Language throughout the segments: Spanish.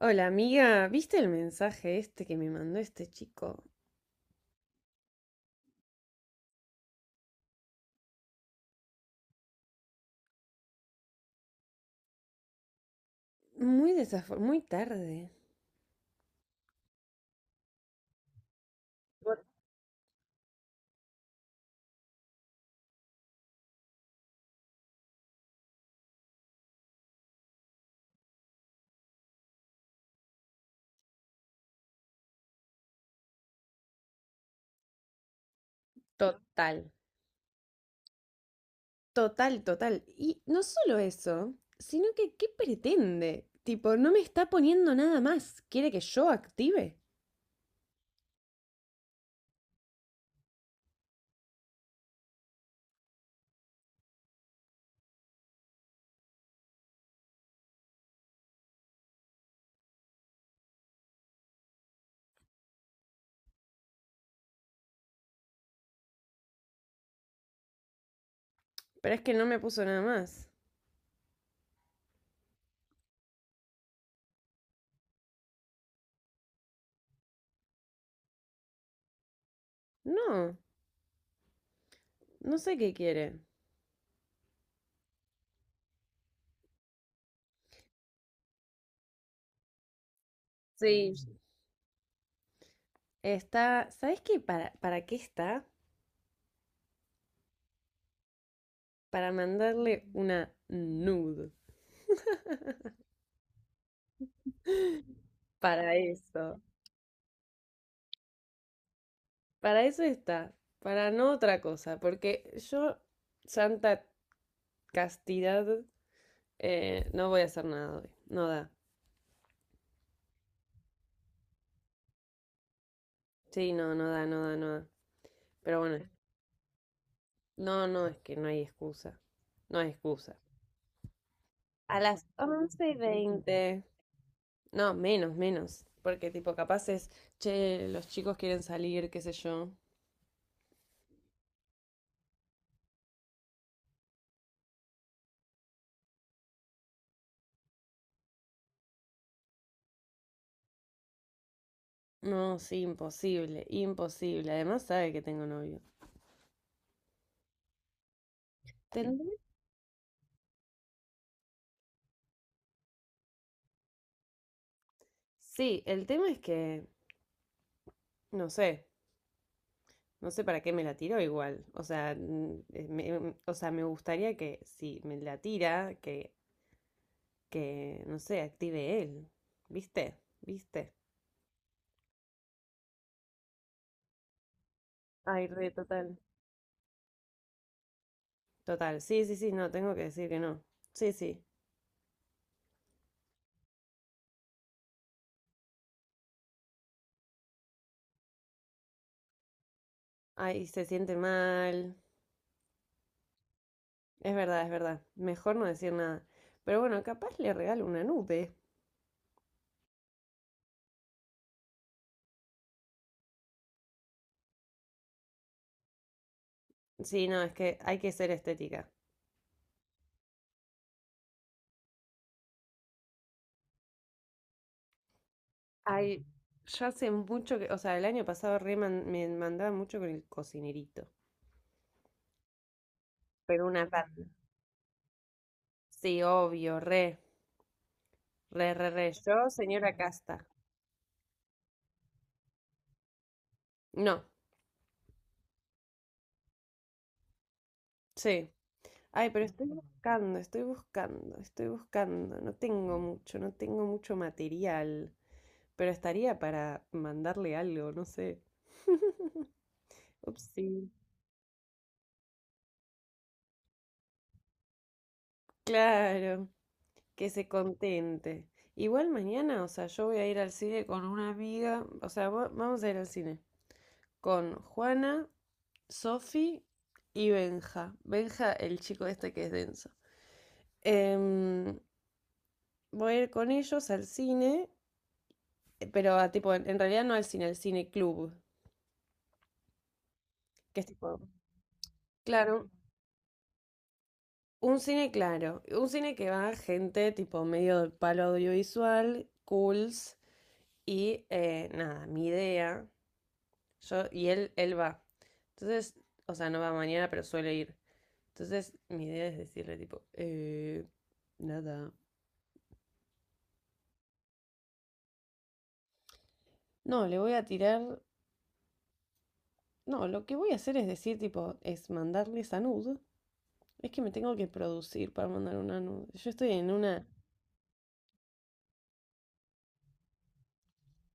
Hola amiga, ¿viste el mensaje este que me mandó este chico? Muy tarde. Total, total, total. Y no solo eso, sino que ¿qué pretende? Tipo, no me está poniendo nada más. ¿Quiere que yo active? Pero es que no me puso nada más. No, no sé qué quiere. Sí. ¿Sabes qué? ¿Para qué está? Para mandarle una nude. Para eso. Para eso está, para no otra cosa, porque yo, santa castidad, no voy a hacer nada hoy. No da. Sí, no, no da, no da, no da. Pero bueno, no, no, es que no hay excusa. No hay excusa. A las 11 y veinte. No, menos, menos. Porque tipo, capaz es, che, los chicos quieren salir, qué sé yo. No, sí, imposible, imposible. Además sabe que tengo novio. ¿Tendré? Sí, el tema es que, no sé, no sé para qué me la tiró igual. O sea, o sea, me gustaría que si me la tira, que, no sé, active él. ¿Viste? ¿Viste? Ay, re, total. Total. Sí, sí, sí, no, tengo que decir que no. Sí, sí. Ay, se siente mal. Es verdad, es verdad. Mejor no decir nada. Pero bueno, capaz le regalo una nube. Sí, no, es que hay que ser estética. Ay, yo hace mucho que, o sea, el año pasado me mandaba mucho con el cocinerito. Pero una banda. Sí, obvio, re, re, re, re. Yo, señora Casta. No, sí. Ay, pero estoy buscando, estoy buscando, estoy buscando. No tengo mucho, no tengo mucho material, pero estaría para mandarle algo, no sé. Upsi. Claro, que se contente. Igual mañana, o sea, yo voy a ir al cine con una amiga, o sea, vamos a ir al cine con Juana, Sofi y Benja. Benja, el chico este que es denso. Em, Voy a ir con ellos al cine, pero a tipo, en realidad no al cine, al cine club, que es tipo, claro, claro, un cine que va gente tipo medio del palo audiovisual, cools, y nada, mi idea, yo, y él va. Entonces, o sea, no va mañana, pero suele ir. Entonces, mi idea es decirle tipo, nada. No, le voy a tirar, no, lo que voy a hacer es decir tipo, es mandarle esa nud. Es que me tengo que producir para mandar una nude. Yo estoy en una...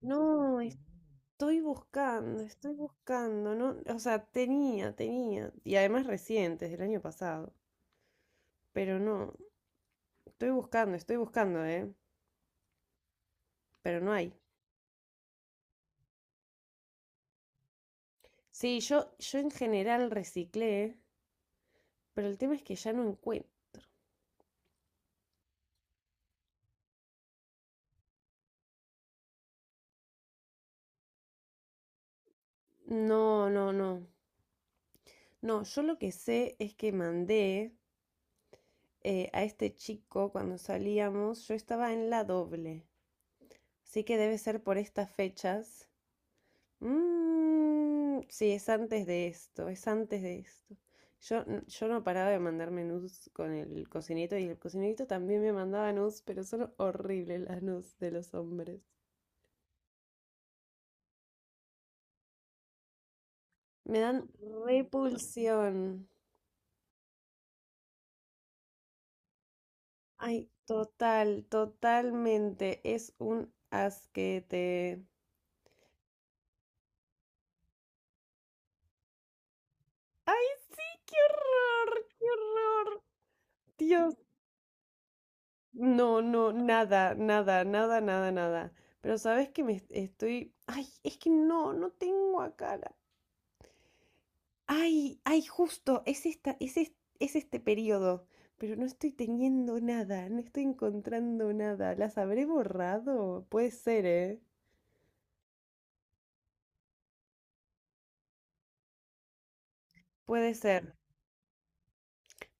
No, estoy buscando, ¿no? O sea, tenía, tenía. Y además recientes, del año pasado. Pero no, estoy buscando, ¿eh? Pero no hay. Sí, yo en general reciclé, pero el tema es que ya no encuentro. No, no, no. No, yo lo que sé es que mandé a este chico cuando salíamos, yo estaba en la doble. Así que debe ser por estas fechas. Mm, sí, es antes de esto, es antes de esto. Yo no paraba de mandarme nudes con el cocinito y el cocinito también me mandaba nudes, pero son horribles las nudes de los hombres. Me dan repulsión. Ay, total, totalmente. Es un asquete. ¡Ay, sí! ¡Qué horror! ¡Qué horror! Dios. No, no, nada, nada, nada, nada, nada. Pero sabes que estoy. Ay, es que no tengo acá la. Ay, ay, justo, es esta, es este periodo. Pero no estoy teniendo nada, no estoy encontrando nada. ¿Las habré borrado? Puede ser, ¿eh? Puede ser.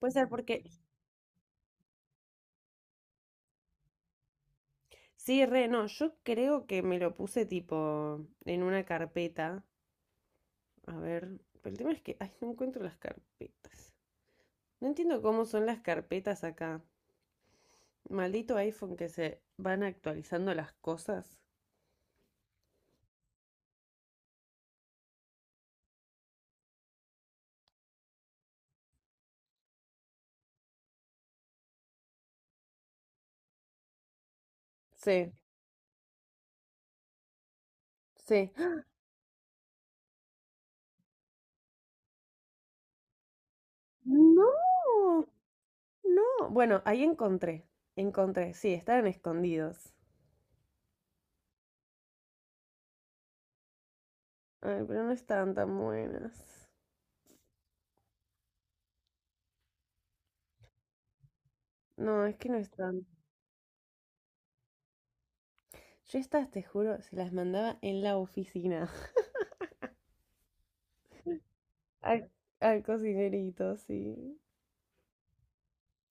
Puede ser porque. Sí, re, no, yo creo que me lo puse tipo en una carpeta. A ver. Pero el tema es que. Ay, no encuentro las carpetas. No entiendo cómo son las carpetas acá. Maldito iPhone que se van actualizando las cosas. Sí, sí. Mm. No, no. Bueno, ahí encontré. Encontré, sí, estaban escondidos. Ay, pero no estaban tan buenas. No, es que no están. Yo estas, te juro, se las mandaba en la oficina. Al, al cocinerito, sí.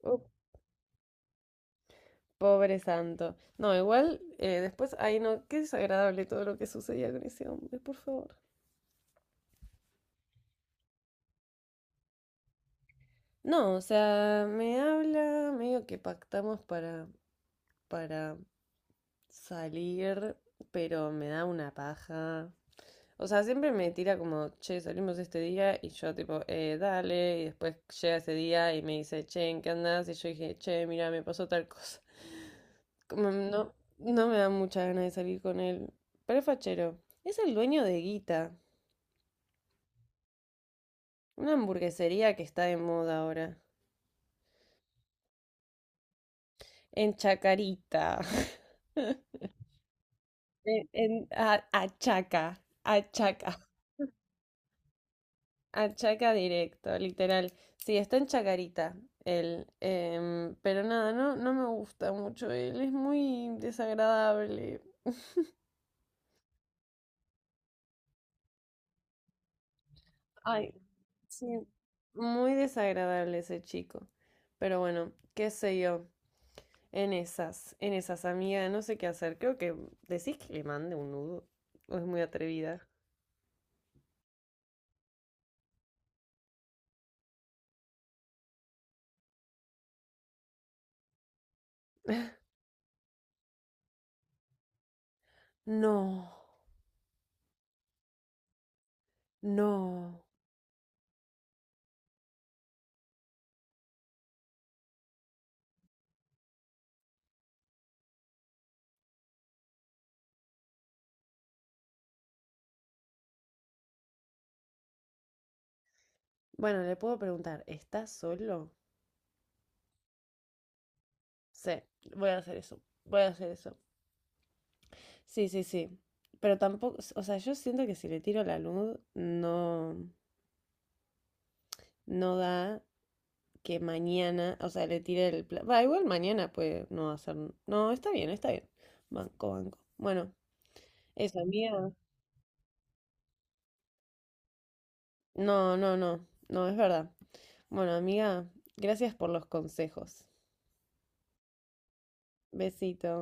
Oh, pobre santo. No, igual, después, ay, no, qué desagradable todo lo que sucedía con ese hombre, por favor. No, o sea, me habla, medio que pactamos para, salir, pero me da una paja. O sea, siempre me tira como, che, salimos este día, y yo tipo, dale, y después llega ese día y me dice, che, ¿en qué andás? Y yo dije, che, mira, me pasó tal cosa. Como no, no me da mucha ganas de salir con él. Pero es fachero. Es el dueño de Guita, una hamburguesería que está de moda ahora, en Chacarita. Achaca, achaca, achaca directo, literal. Sí, está en Chacarita él, pero nada, no, no me gusta mucho él, es muy desagradable. Ay, sí, muy desagradable ese chico. Pero bueno, qué sé yo, en esas, amiga, no sé qué hacer. Creo que decís que le mande un nudo, o es muy atrevida. No, no. Bueno, le puedo preguntar, ¿estás solo? Sí, voy a hacer eso. Voy a hacer eso. Sí, sí, sí. Pero tampoco, o sea, yo siento que si le tiro la luz, no, no da que mañana, o sea, le tire va, igual mañana puede no hacer. No, está bien, está bien. Banco, banco. Bueno, eso, amiga. No, no, no. No, es verdad. Bueno, amiga, gracias por los consejos. Besito.